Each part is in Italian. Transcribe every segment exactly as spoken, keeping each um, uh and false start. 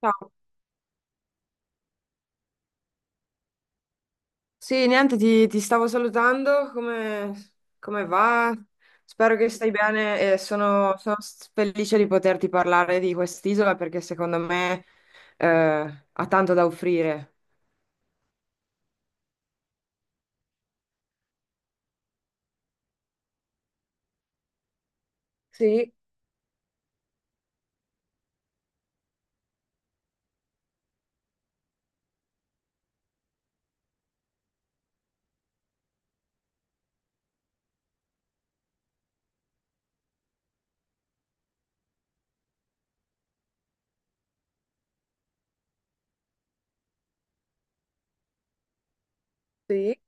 Ciao. Sì, niente, ti, ti stavo salutando. Come, come va? Spero che stai bene e sono, sono s- felice di poterti parlare di quest'isola perché secondo me eh, ha tanto da offrire. Sì, sì.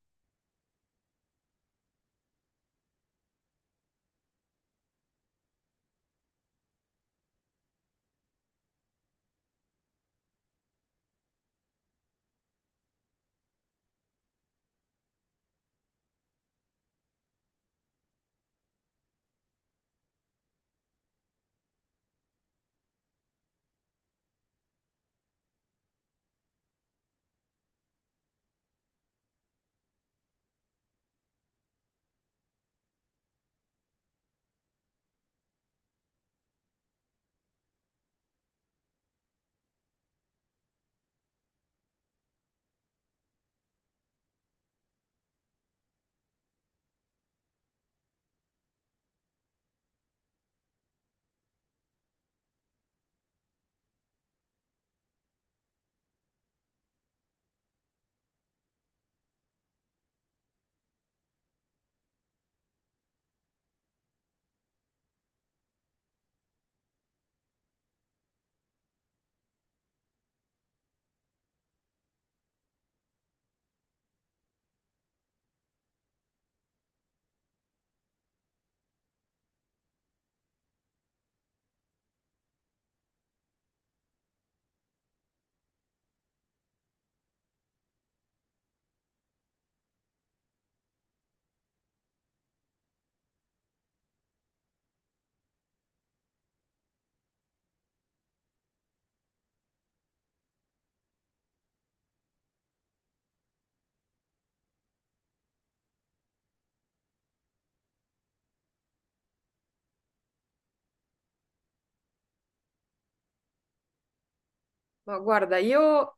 Ma guarda, io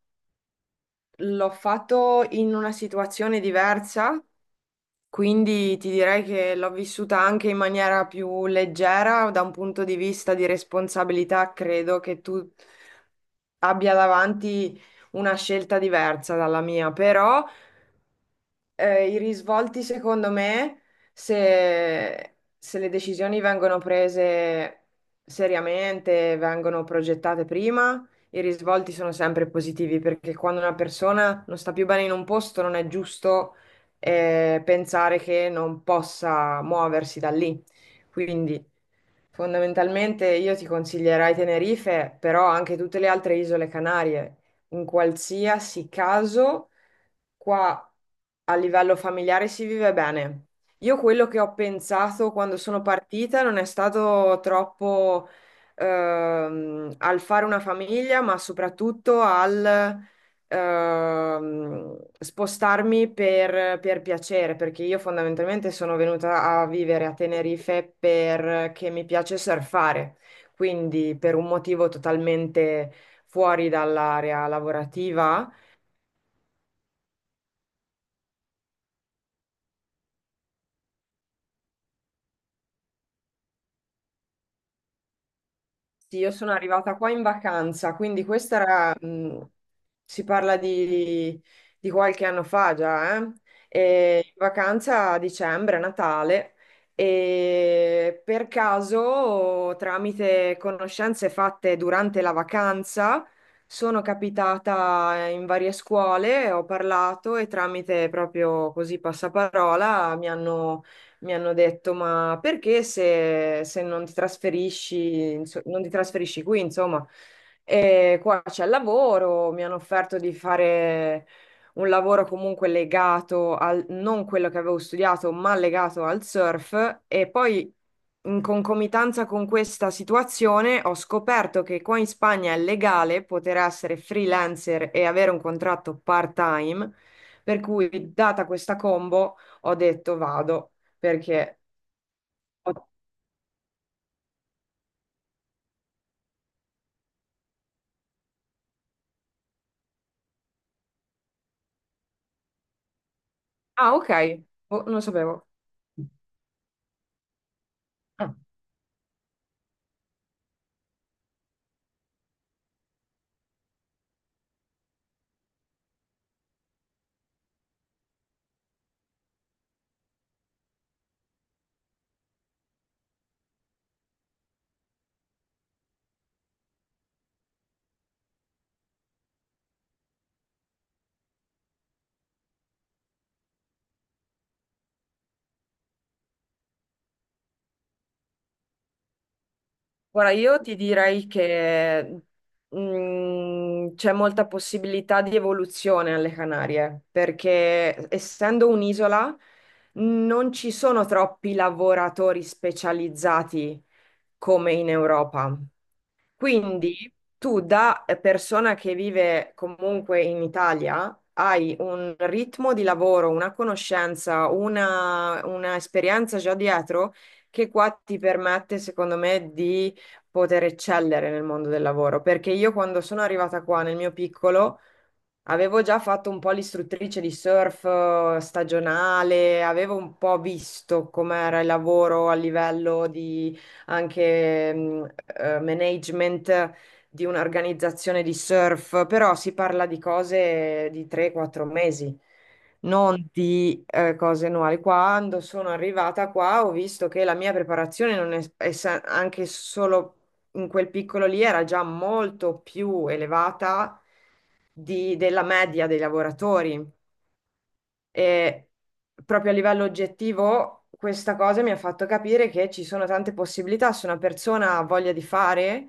l'ho fatto in una situazione diversa. Quindi ti direi che l'ho vissuta anche in maniera più leggera, da un punto di vista di responsabilità, credo che tu abbia davanti una scelta diversa dalla mia, però eh, i risvolti, secondo me, se, se le decisioni vengono prese seriamente, vengono progettate prima, i risvolti sono sempre positivi perché quando una persona non sta più bene in un posto, non è giusto, eh, pensare che non possa muoversi da lì. Quindi, fondamentalmente, io ti consiglierei Tenerife, però anche tutte le altre isole Canarie. In qualsiasi caso, qua. A livello familiare si vive bene. Io quello che ho pensato quando sono partita non è stato troppo ehm, al fare una famiglia, ma soprattutto al ehm, spostarmi per, per piacere, perché io fondamentalmente sono venuta a vivere a Tenerife perché mi piace surfare, quindi per un motivo totalmente fuori dall'area lavorativa. Sì, io sono arrivata qua in vacanza, quindi questa era, mh, si parla di, di qualche anno fa già, eh? E in vacanza a dicembre, a Natale, e per caso, tramite conoscenze fatte durante la vacanza, sono capitata in varie scuole, ho parlato e tramite proprio così passaparola mi hanno mi hanno detto, ma perché se, se non ti trasferisci, inso- non ti trasferisci qui, insomma, e qua c'è il lavoro, mi hanno offerto di fare un lavoro comunque legato al, non quello che avevo studiato, ma legato al surf e poi in concomitanza con questa situazione ho scoperto che qua in Spagna è legale poter essere freelancer e avere un contratto part-time, per cui data questa combo ho detto vado perché. Ah, ok. Oh, non lo sapevo. Ah. Guarda, io ti direi che mm, c'è molta possibilità di evoluzione alle Canarie, perché essendo un'isola non ci sono troppi lavoratori specializzati come in Europa. Quindi tu da persona che vive comunque in Italia hai un ritmo di lavoro, una conoscenza, una, una esperienza già dietro che qua ti permette, secondo me, di poter eccellere nel mondo del lavoro. Perché io quando sono arrivata qua nel mio piccolo avevo già fatto un po' l'istruttrice di surf eh, stagionale, avevo un po' visto com'era il lavoro a livello di anche mh, eh, management di un'organizzazione di surf, però si parla di cose di tre quattro mesi, non di eh, cose annuali. Quando sono arrivata qua ho visto che la mia preparazione non è, è sa- anche solo in quel piccolo lì era già molto più elevata di- della media dei lavoratori. E proprio a livello oggettivo, questa cosa mi ha fatto capire che ci sono tante possibilità. Se una persona ha voglia di fare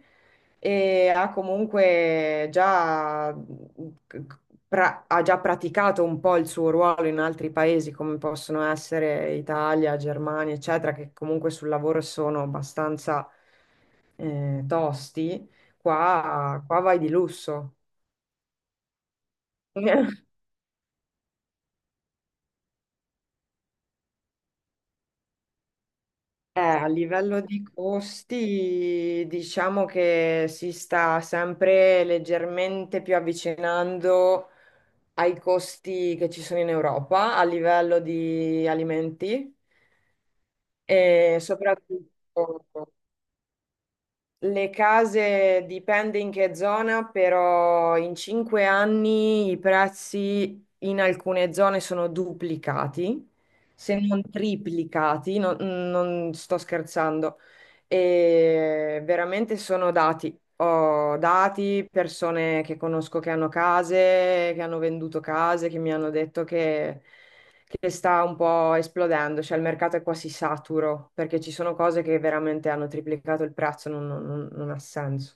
e ha comunque già, pra- ha già praticato un po' il suo ruolo in altri paesi, come possono essere Italia, Germania, eccetera, che comunque sul lavoro sono abbastanza eh, tosti, qua, qua vai di lusso. Eh, a livello di costi, diciamo che si sta sempre leggermente più avvicinando ai costi che ci sono in Europa a livello di alimenti e soprattutto le case dipende in che zona, però in cinque anni i prezzi in alcune zone sono duplicati, se non triplicati, non, non sto scherzando. E veramente sono dati. Ho dati, persone che conosco che hanno case, che hanno venduto case, che mi hanno detto che che sta un po' esplodendo, cioè il mercato è quasi saturo perché ci sono cose che veramente hanno triplicato il prezzo, non, non- non- non ha senso.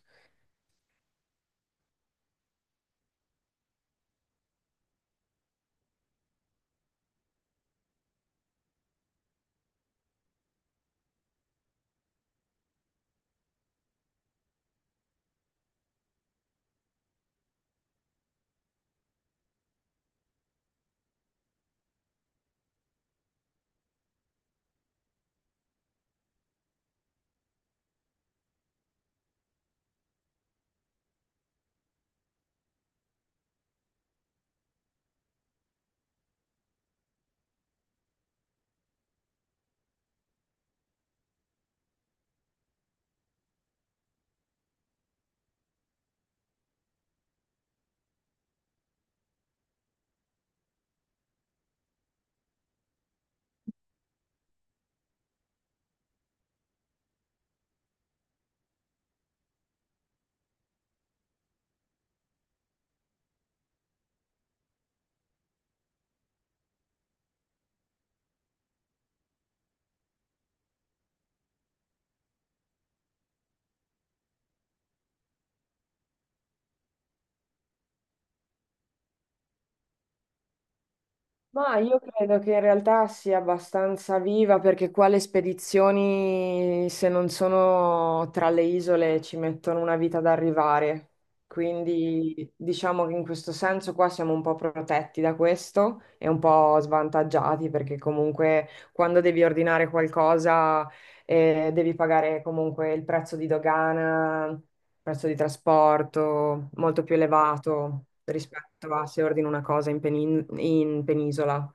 Ma io credo che in realtà sia abbastanza viva perché qua le spedizioni, se non sono tra le isole, ci mettono una vita ad arrivare. Quindi diciamo che in questo senso qua siamo un po' protetti da questo e un po' svantaggiati perché comunque quando devi ordinare qualcosa eh, devi pagare comunque il prezzo di dogana, prezzo di trasporto molto più elevato rispetto a se ordino una cosa in, penin- in penisola.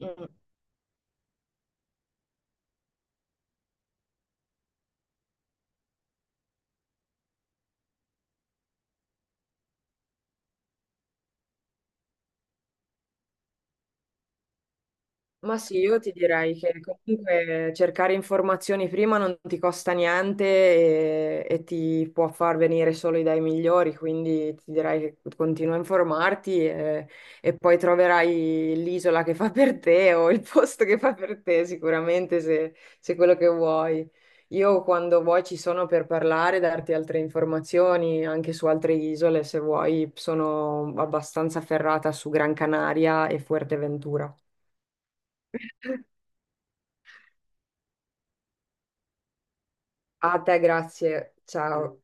Mm. Ma sì, io ti direi che comunque cercare informazioni prima non ti costa niente e, e ti può far venire solo idee migliori, quindi ti direi che continua a informarti e, e poi troverai l'isola che fa per te o il posto che fa per te sicuramente se, se quello che vuoi. Io quando vuoi ci sono per parlare, darti altre informazioni anche su altre isole, se vuoi, sono abbastanza ferrata su Gran Canaria e Fuerteventura. A te grazie, ciao.